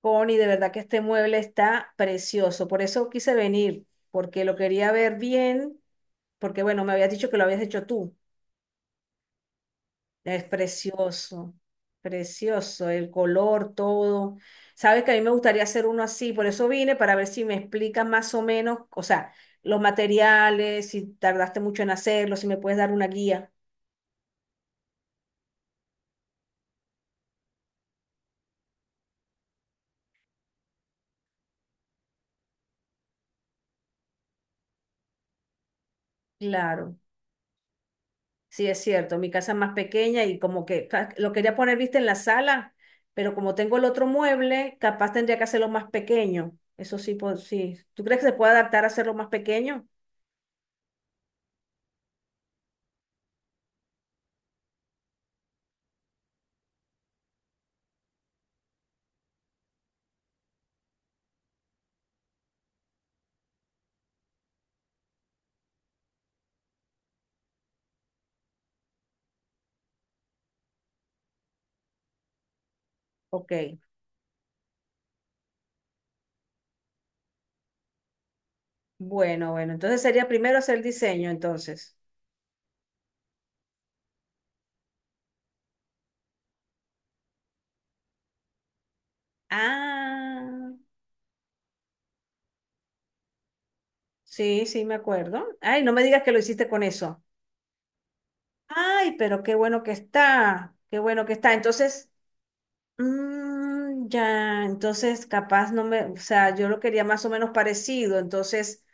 Connie, de verdad que este mueble está precioso. Por eso quise venir, porque lo quería ver bien, porque bueno, me habías dicho que lo habías hecho tú. Es precioso, precioso, el color, todo. Sabes que a mí me gustaría hacer uno así, por eso vine para ver si me explicas más o menos, o sea, los materiales, si tardaste mucho en hacerlo, si me puedes dar una guía. Claro. Sí, es cierto, mi casa es más pequeña y como que lo quería poner, viste, en la sala, pero como tengo el otro mueble, capaz tendría que hacerlo más pequeño. Eso sí, pues, sí. ¿Tú crees que se puede adaptar a hacerlo más pequeño? Ok, bueno, bueno, entonces sería primero hacer el diseño, entonces. Ah, sí, sí, me acuerdo. Ay, no me digas que lo hiciste con eso. Ay, pero qué bueno que está, qué bueno que está. Entonces, mm, ya, entonces capaz no me, o sea, yo lo quería más o menos parecido, entonces.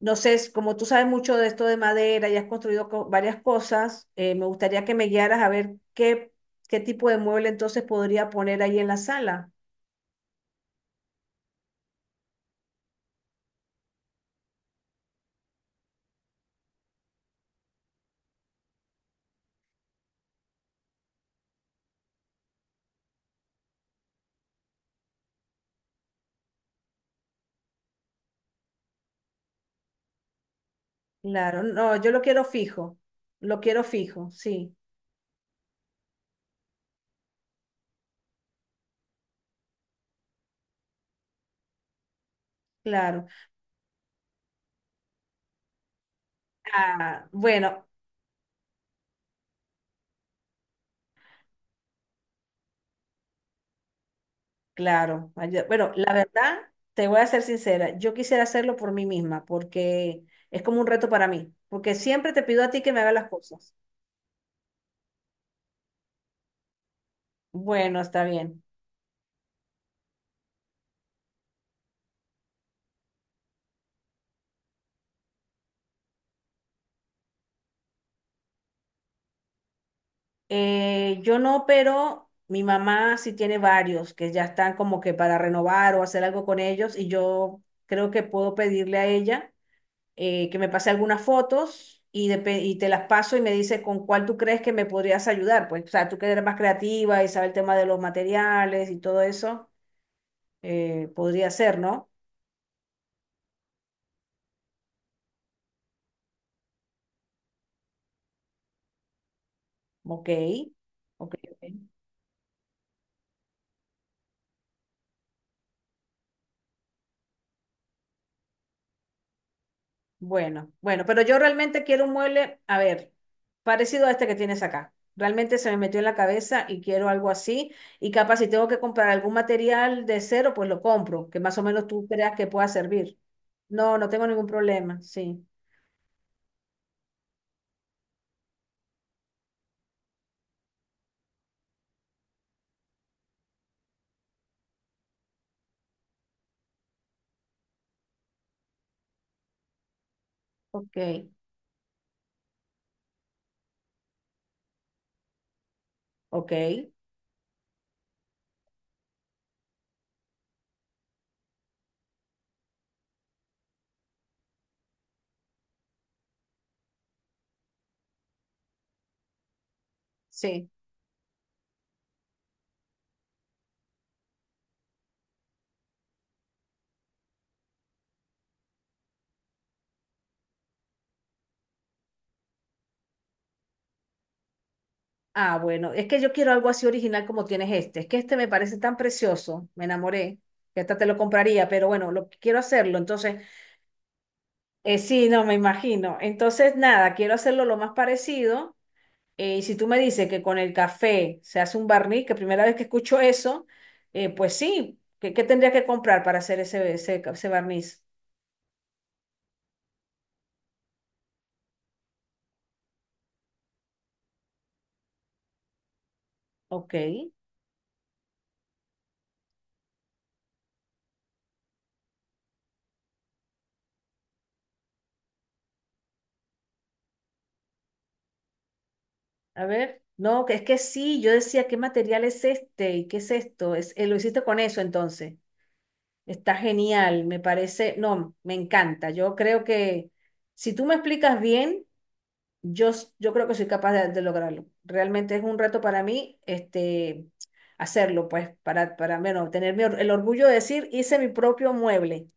No sé, como tú sabes mucho de esto de madera y has construido varias cosas, me gustaría que me guiaras a ver qué, qué tipo de mueble entonces podría poner ahí en la sala. Claro, no, yo lo quiero fijo, sí, claro. Ah, bueno, claro. Ay, bueno, la verdad, te voy a ser sincera, yo quisiera hacerlo por mí misma porque es como un reto para mí, porque siempre te pido a ti que me hagas las cosas. Bueno, está bien. Yo no, pero mi mamá sí tiene varios que ya están como que para renovar o hacer algo con ellos y yo creo que puedo pedirle a ella que me pase algunas fotos y, y te las paso y me dice con cuál tú crees que me podrías ayudar. Pues, o sea, tú que eres más creativa y sabes el tema de los materiales y todo eso, podría ser, ¿no? Ok, ok. Ok. Bueno, bueno, pero yo realmente quiero un mueble, a ver, parecido a este que tienes acá. Realmente se me metió en la cabeza y quiero algo así. Y capaz si tengo que comprar algún material de cero, pues lo compro, que más o menos tú creas que pueda servir. No, no tengo ningún problema, sí. Ok, ok, sí. Ah, bueno, es que yo quiero algo así original como tienes este. Es que este me parece tan precioso, me enamoré, que hasta te lo compraría, pero bueno, lo quiero hacerlo. Entonces, sí, no, me imagino. Entonces, nada, quiero hacerlo lo más parecido. Y si tú me dices que con el café se hace un barniz, que primera vez que escucho eso, pues sí, ¿qué, qué tendría que comprar para hacer ese barniz? Ok, a ver. No, que es que sí, yo decía, ¿qué material es este? ¿Y qué es esto? Es, lo hiciste con eso entonces. Está genial, me parece, no, me encanta. Yo creo que si tú me explicas bien... Yo, yo creo que soy capaz de lograrlo. Realmente es un reto para mí, este, hacerlo, pues, para, bueno, tener mi el orgullo de decir, hice mi propio mueble.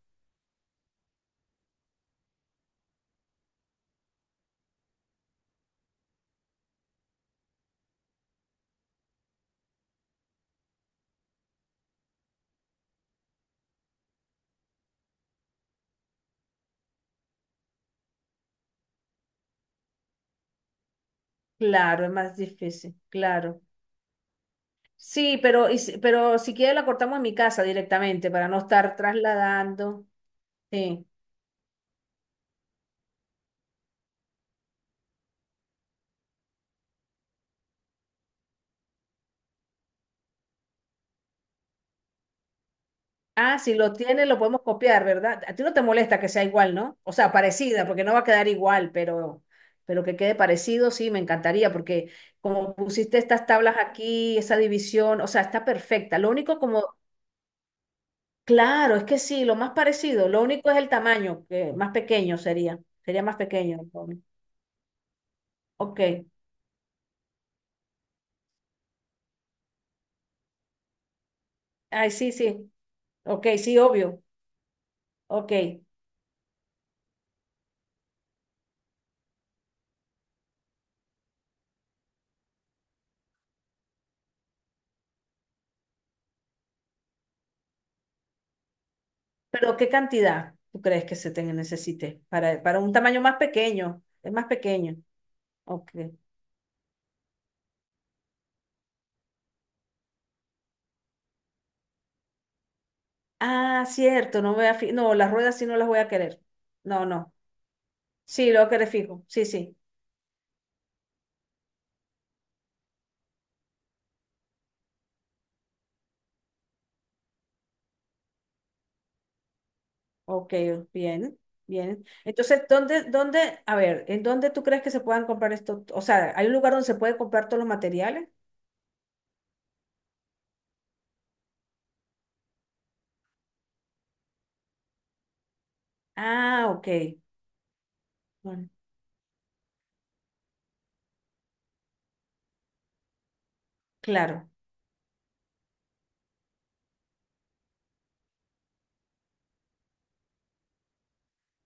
Claro, es más difícil, claro. Sí, pero, pero si quieres la cortamos en mi casa directamente para no estar trasladando. Sí. Ah, si lo tiene, lo podemos copiar, ¿verdad? A ti no te molesta que sea igual, ¿no? O sea, parecida, porque no va a quedar igual, pero que quede parecido, sí, me encantaría, porque como pusiste estas tablas aquí, esa división, o sea, está perfecta. Lo único como, claro, es que sí, lo más parecido, lo único es el tamaño, que más pequeño sería, sería más pequeño, entonces. Ok, ay, sí, sí, ok, sí, obvio, ok, pero ¿qué cantidad tú crees que se te necesite para un tamaño más pequeño? Es más pequeño, ok. Ah, cierto, no voy a no, las ruedas sí no las voy a querer. No, no. Sí, lo voy a querer fijo. Sí, sí. Ok, bien, bien. Entonces, ¿dónde, dónde, a ver, en dónde tú crees que se puedan comprar esto? O sea, ¿hay un lugar donde se puede comprar todos los materiales? Ah, ok. Bueno, claro.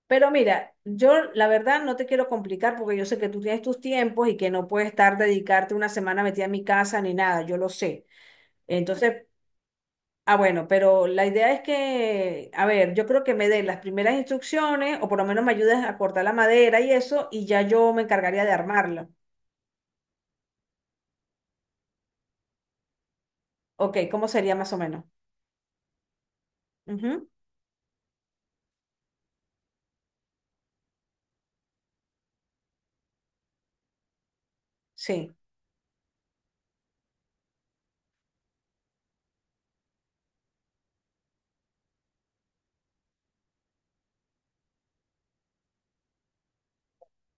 Pero mira, yo la verdad no te quiero complicar porque yo sé que tú tienes tus tiempos y que no puedes estar dedicarte una semana metida en mi casa ni nada, yo lo sé. Entonces, ah, bueno, pero la idea es que, a ver, yo creo que me den las primeras instrucciones o por lo menos me ayudes a cortar la madera y eso y ya yo me encargaría de armarlo. Ok, ¿cómo sería más o menos? Ujú, sí,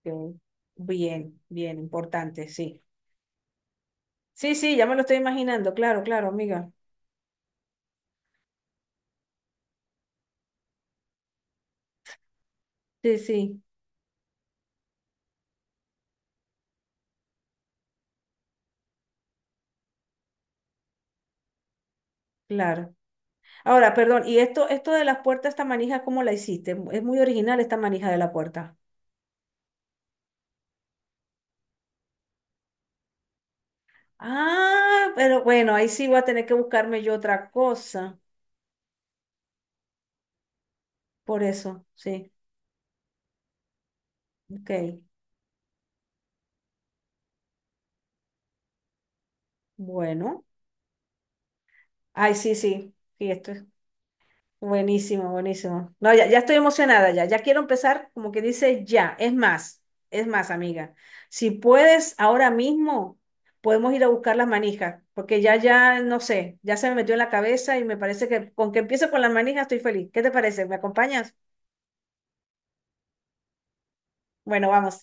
ok, bien, bien, importante, sí. Sí, sí, ya me lo estoy imaginando, claro, claro, amiga. Sí, sí, claro. Ahora, perdón, ¿y esto de las puertas, esta manija, cómo la hiciste? Es muy original esta manija de la puerta. Ah, pero bueno, ahí sí voy a tener que buscarme yo otra cosa. Por eso, sí. Ok, bueno. Ay, sí, sí, sí, esto es buenísimo, buenísimo. No, ya, ya estoy emocionada, ya, ya quiero empezar, como que dice, ya, es más, amiga. Si puedes, ahora mismo podemos ir a buscar las manijas, porque ya, ya, no sé, ya se me metió en la cabeza y me parece que con que empiece con las manijas estoy feliz. ¿Qué te parece? ¿Me acompañas? Bueno, vamos.